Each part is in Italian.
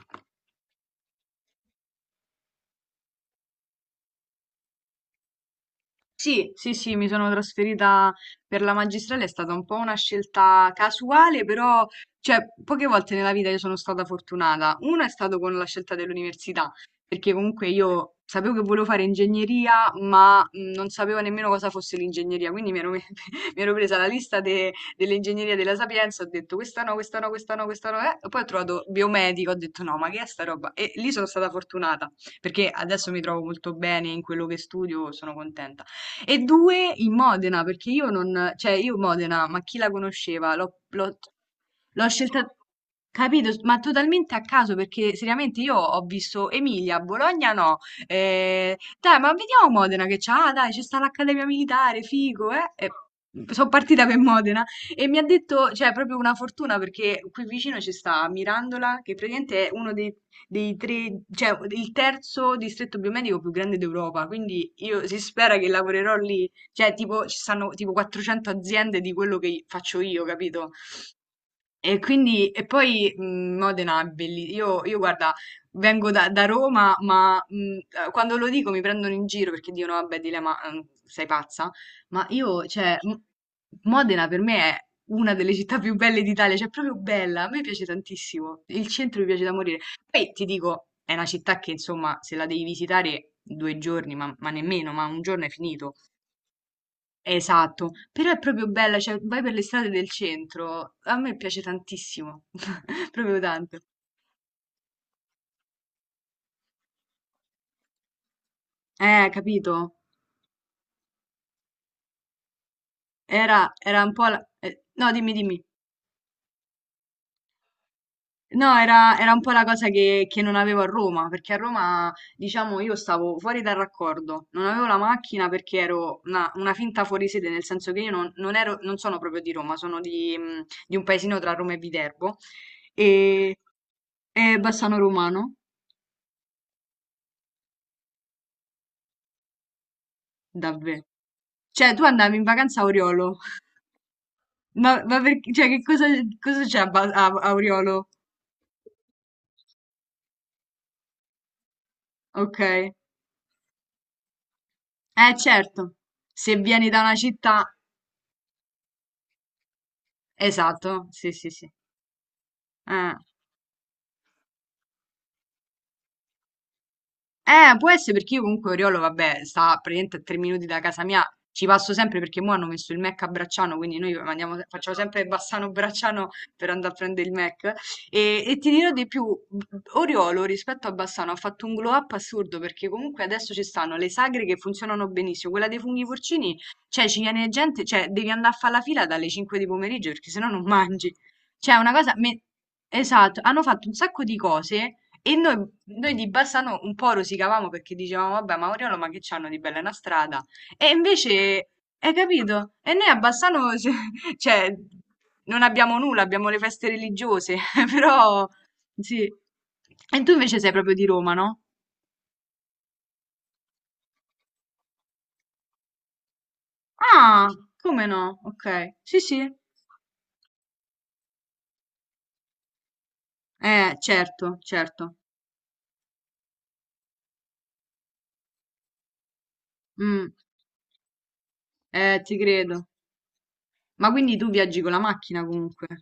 Io Sì, sì, sì, mi sono trasferita per la magistrale. È stata un po' una scelta casuale, però, cioè, poche volte nella vita io sono stata fortunata. Una è stato con la scelta dell'università, perché comunque io sapevo che volevo fare ingegneria, ma non sapevo nemmeno cosa fosse l'ingegneria, quindi mi ero presa la lista dell'ingegneria della Sapienza. Ho detto questa no, questa no, questa no, questa no, e poi ho trovato biomedico. Ho detto no, ma che è sta roba? E lì sono stata fortunata, perché adesso mi trovo molto bene in quello che studio, sono contenta. E due in Modena, perché io non, cioè io Modena, ma chi la conosceva? L'ho scelta, capito? Ma totalmente a caso, perché seriamente io ho visto Emilia, Bologna no. Dai, ma vediamo Modena che c'ha, ah, dai, c'è sta l'Accademia Militare, figo, eh? E sono partita per Modena e mi ha detto, cioè, proprio una fortuna perché qui vicino ci sta Mirandola, che praticamente è uno dei tre, cioè il terzo distretto biomedico più grande d'Europa, quindi io si spera che lavorerò lì, cioè tipo ci stanno tipo 400 aziende di quello che faccio io, capito? E quindi, e poi Modena è bellissima. Guarda, vengo da Roma, ma quando lo dico mi prendono in giro perché dicono, vabbè, Dile, ma sei pazza. Ma io, cioè, Modena per me è una delle città più belle d'Italia, cioè, è proprio bella. A me piace tantissimo. Il centro mi piace da morire. Poi ti dico, è una città che, insomma, se la devi visitare 2 giorni, ma nemmeno, ma un giorno è finito. Esatto, però è proprio bella, cioè vai per le strade del centro, a me piace tantissimo, proprio tanto. Capito? Era un po' la... no, dimmi, dimmi. No, era un po' la cosa che non avevo a Roma, perché a Roma, diciamo, io stavo fuori dal raccordo, non avevo la macchina perché ero una finta fuori sede, nel senso che io non ero, non sono proprio di Roma, sono di un paesino tra Roma e Viterbo, e, e Bassano Romano, davvero. Cioè, tu andavi in vacanza a Oriolo, ma perché, cioè, che cosa, cosa c'è a, Ba- a a Oriolo? Ok, eh, certo, se vieni da una città, esatto, sì, sì, sì. Eh. Può essere perché io comunque Oriolo, vabbè, sta praticamente a 3 minuti da casa mia, ci passo sempre perché mo hanno messo il Mac a Bracciano, quindi facciamo sempre Bassano-Bracciano per andare a prendere il Mac. E, ti dirò di più, Oriolo rispetto a Bassano ha fatto un glow up assurdo perché comunque adesso ci stanno le sagre che funzionano benissimo, quella dei funghi porcini, cioè ci viene gente, cioè devi andare a fare la fila dalle 5 di pomeriggio perché sennò non mangi. Cioè è una cosa... Esatto, hanno fatto un sacco di cose e noi di Bassano un po' rosicavamo perché dicevamo, vabbè, ma Oriolo, ma che c'hanno di bella è una strada? E invece, hai capito? E noi a Bassano, cioè, non abbiamo nulla, abbiamo le feste religiose, però, sì. E tu invece sei proprio di Roma, no? Ah, come no? Ok, sì, sì. Certo, certo. Mm, ti credo. Ma quindi tu viaggi con la macchina comunque?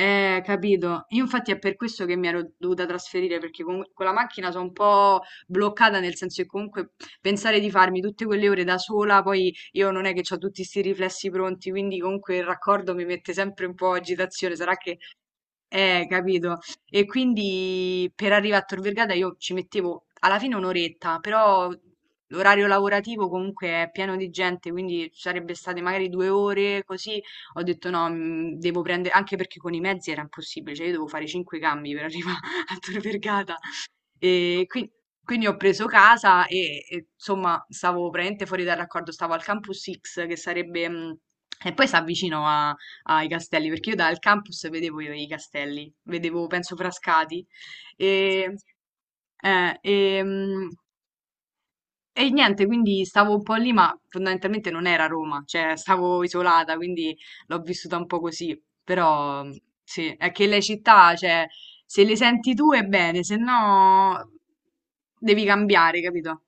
Capito. Io infatti è per questo che mi ero dovuta trasferire, perché con la macchina sono un po' bloccata, nel senso che comunque pensare di farmi tutte quelle ore da sola, poi io non è che ho tutti questi riflessi pronti, quindi comunque il raccordo mi mette sempre un po' agitazione. Sarà che capito. E quindi per arrivare a Tor Vergata io ci mettevo alla fine un'oretta, però l'orario lavorativo comunque è pieno di gente, quindi ci sarebbe state magari 2 ore così. Ho detto no, devo prendere, anche perché con i mezzi era impossibile, cioè io devo fare cinque cambi per arrivare a Tor Vergata. E qui- quindi ho preso casa e insomma stavo praticamente fuori dal raccordo, stavo al Campus X che sarebbe... e poi si avvicino ai castelli, perché io dal campus vedevo i castelli, vedevo, penso, Frascati. E, eh, e, mh, e niente, quindi stavo un po' lì, ma fondamentalmente non era Roma, cioè stavo isolata, quindi l'ho vissuta un po' così. Però sì, è che le città, cioè, se le senti tu è bene, se no devi cambiare, capito?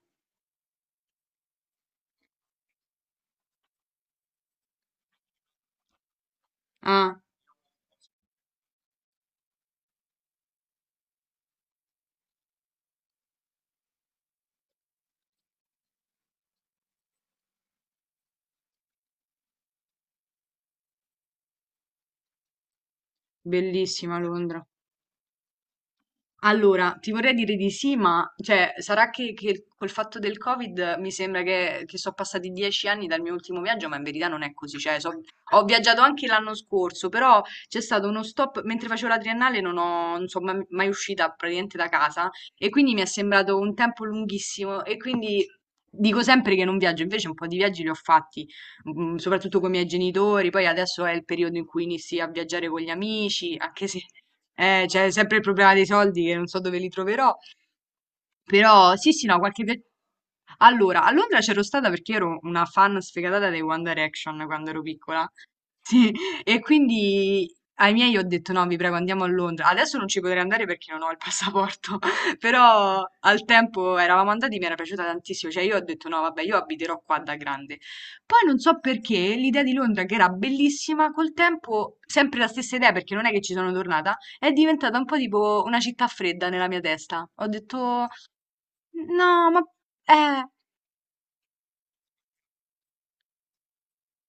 Ah, bellissima Londra. Allora, ti vorrei dire di sì, ma cioè, sarà che col fatto del Covid mi sembra che sono passati 10 anni dal mio ultimo viaggio, ma in verità non è così. Cioè, ho viaggiato anche l'anno scorso, però c'è stato uno stop mentre facevo la triennale, non sono mai, mai uscita praticamente da casa e quindi mi è sembrato un tempo lunghissimo e quindi dico sempre che non viaggio, invece un po' di viaggi li ho fatti, soprattutto con i miei genitori, poi adesso è il periodo in cui inizi a viaggiare con gli amici, anche se c'è sempre il problema dei soldi che non so dove li troverò, però sì, sì, no, qualche viaggio. Allora, a Londra c'ero stata perché ero una fan sfegatata dei One Direction quando ero piccola. Sì, e quindi ai miei ho detto no, vi prego, andiamo a Londra. Adesso non ci potrei andare perché non ho il passaporto, però al tempo eravamo andati, mi era piaciuta tantissimo. Cioè io ho detto no, vabbè, io abiterò qua da grande. Poi non so perché l'idea di Londra, che era bellissima, col tempo, sempre la stessa idea perché non è che ci sono tornata, è diventata un po' tipo una città fredda nella mia testa. Ho detto no, ma... Eh,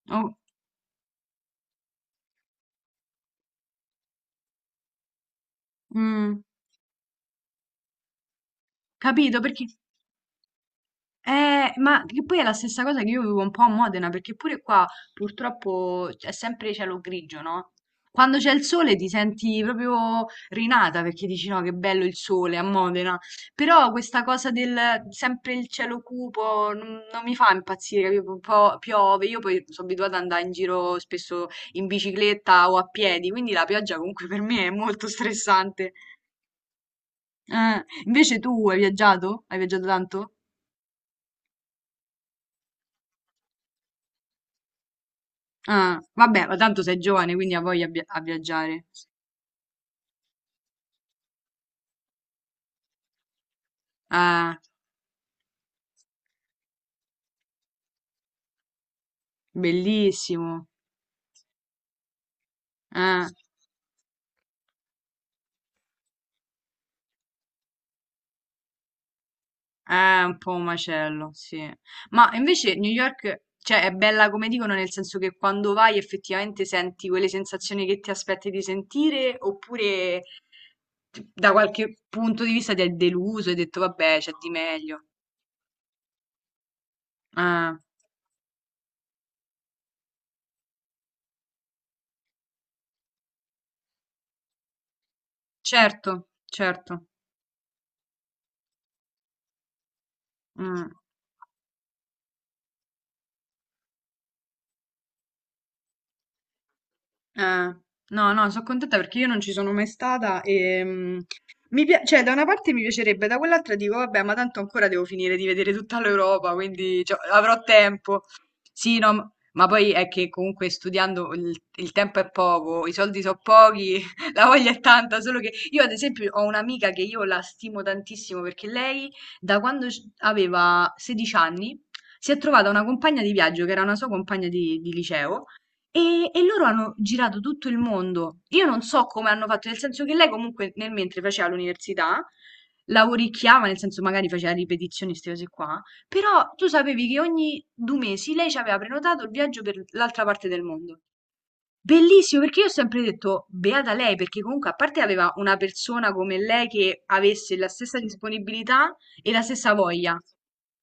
oh, mm, capito perché? Ma che poi è la stessa cosa che io vivo un po' a Modena, perché pure qua purtroppo è sempre cielo grigio, no? Quando c'è il sole ti senti proprio rinata perché dici no, che bello il sole a Modena. Però questa cosa del sempre il cielo cupo non mi fa impazzire, capito? Un po' piove, io poi sono abituata ad andare in giro spesso in bicicletta o a piedi, quindi la pioggia comunque per me è molto stressante. Ah, invece tu hai viaggiato? Hai viaggiato tanto? Ah, vabbè, ma tanto sei giovane, quindi ha voglia a a viaggiare. Ah, bellissimo. Ah, è un po' un macello, sì. Ma invece New York, cioè, è bella come dicono, nel senso che quando vai effettivamente senti quelle sensazioni che ti aspetti di sentire, oppure da qualche punto di vista ti è deluso e hai detto, vabbè, c'è di meglio. Ah, certo, certo. Mm. Ah, no, no, sono contenta perché io non ci sono mai stata e cioè, da una parte mi piacerebbe, da quell'altra dico, vabbè, ma tanto ancora devo finire di vedere tutta l'Europa, quindi cioè, avrò tempo. Sì, no, ma poi è che comunque studiando il tempo è poco, i soldi sono pochi, la voglia è tanta, solo che io ad esempio ho un'amica che io la stimo tantissimo perché lei da quando aveva 16 anni si è trovata una compagna di viaggio che era una sua compagna di liceo e loro hanno girato tutto il mondo. Io non so come hanno fatto, nel senso che lei comunque nel mentre faceva l'università, lavoricchiava, nel senso magari faceva ripetizioni, queste cose qua, però tu sapevi che ogni 2 mesi lei ci aveva prenotato il viaggio per l'altra parte del mondo. Bellissimo, perché io ho sempre detto, beata lei, perché comunque a parte aveva una persona come lei che avesse la stessa disponibilità e la stessa voglia.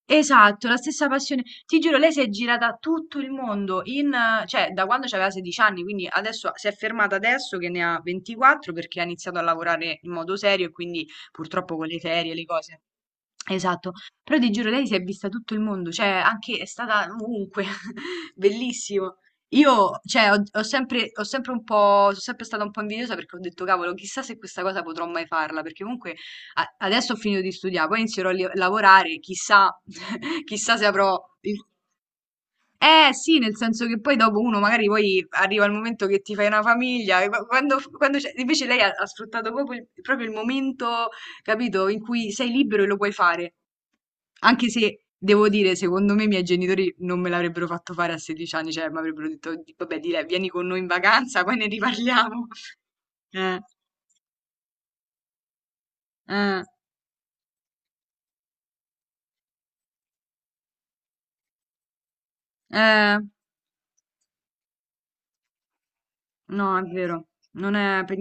Esatto, la stessa passione. Ti giuro, lei si è girata tutto il mondo in, cioè, da quando aveva 16 anni, quindi adesso si è fermata adesso che ne ha 24 perché ha iniziato a lavorare in modo serio e quindi purtroppo con le ferie, le cose. Esatto. Però ti giuro lei si è vista tutto il mondo, cioè anche è stata ovunque, bellissimo. Io, cioè, ho, ho sempre un po', sono sempre stata un po' invidiosa perché ho detto, cavolo, chissà se questa cosa potrò mai farla, perché comunque adesso ho finito di studiare, poi inizierò a lavorare, chissà, chissà se avrò... il... Eh sì, nel senso che poi dopo uno magari poi arriva il momento che ti fai una famiglia, e invece lei ha sfruttato proprio il momento, capito, in cui sei libero e lo puoi fare. Anche se devo dire, secondo me i miei genitori non me l'avrebbero fatto fare a 16 anni, cioè mi avrebbero detto, Vabbè, di lei, vieni con noi in vacanza, poi ne riparliamo." Eh, eh, eh, no, è vero, non è per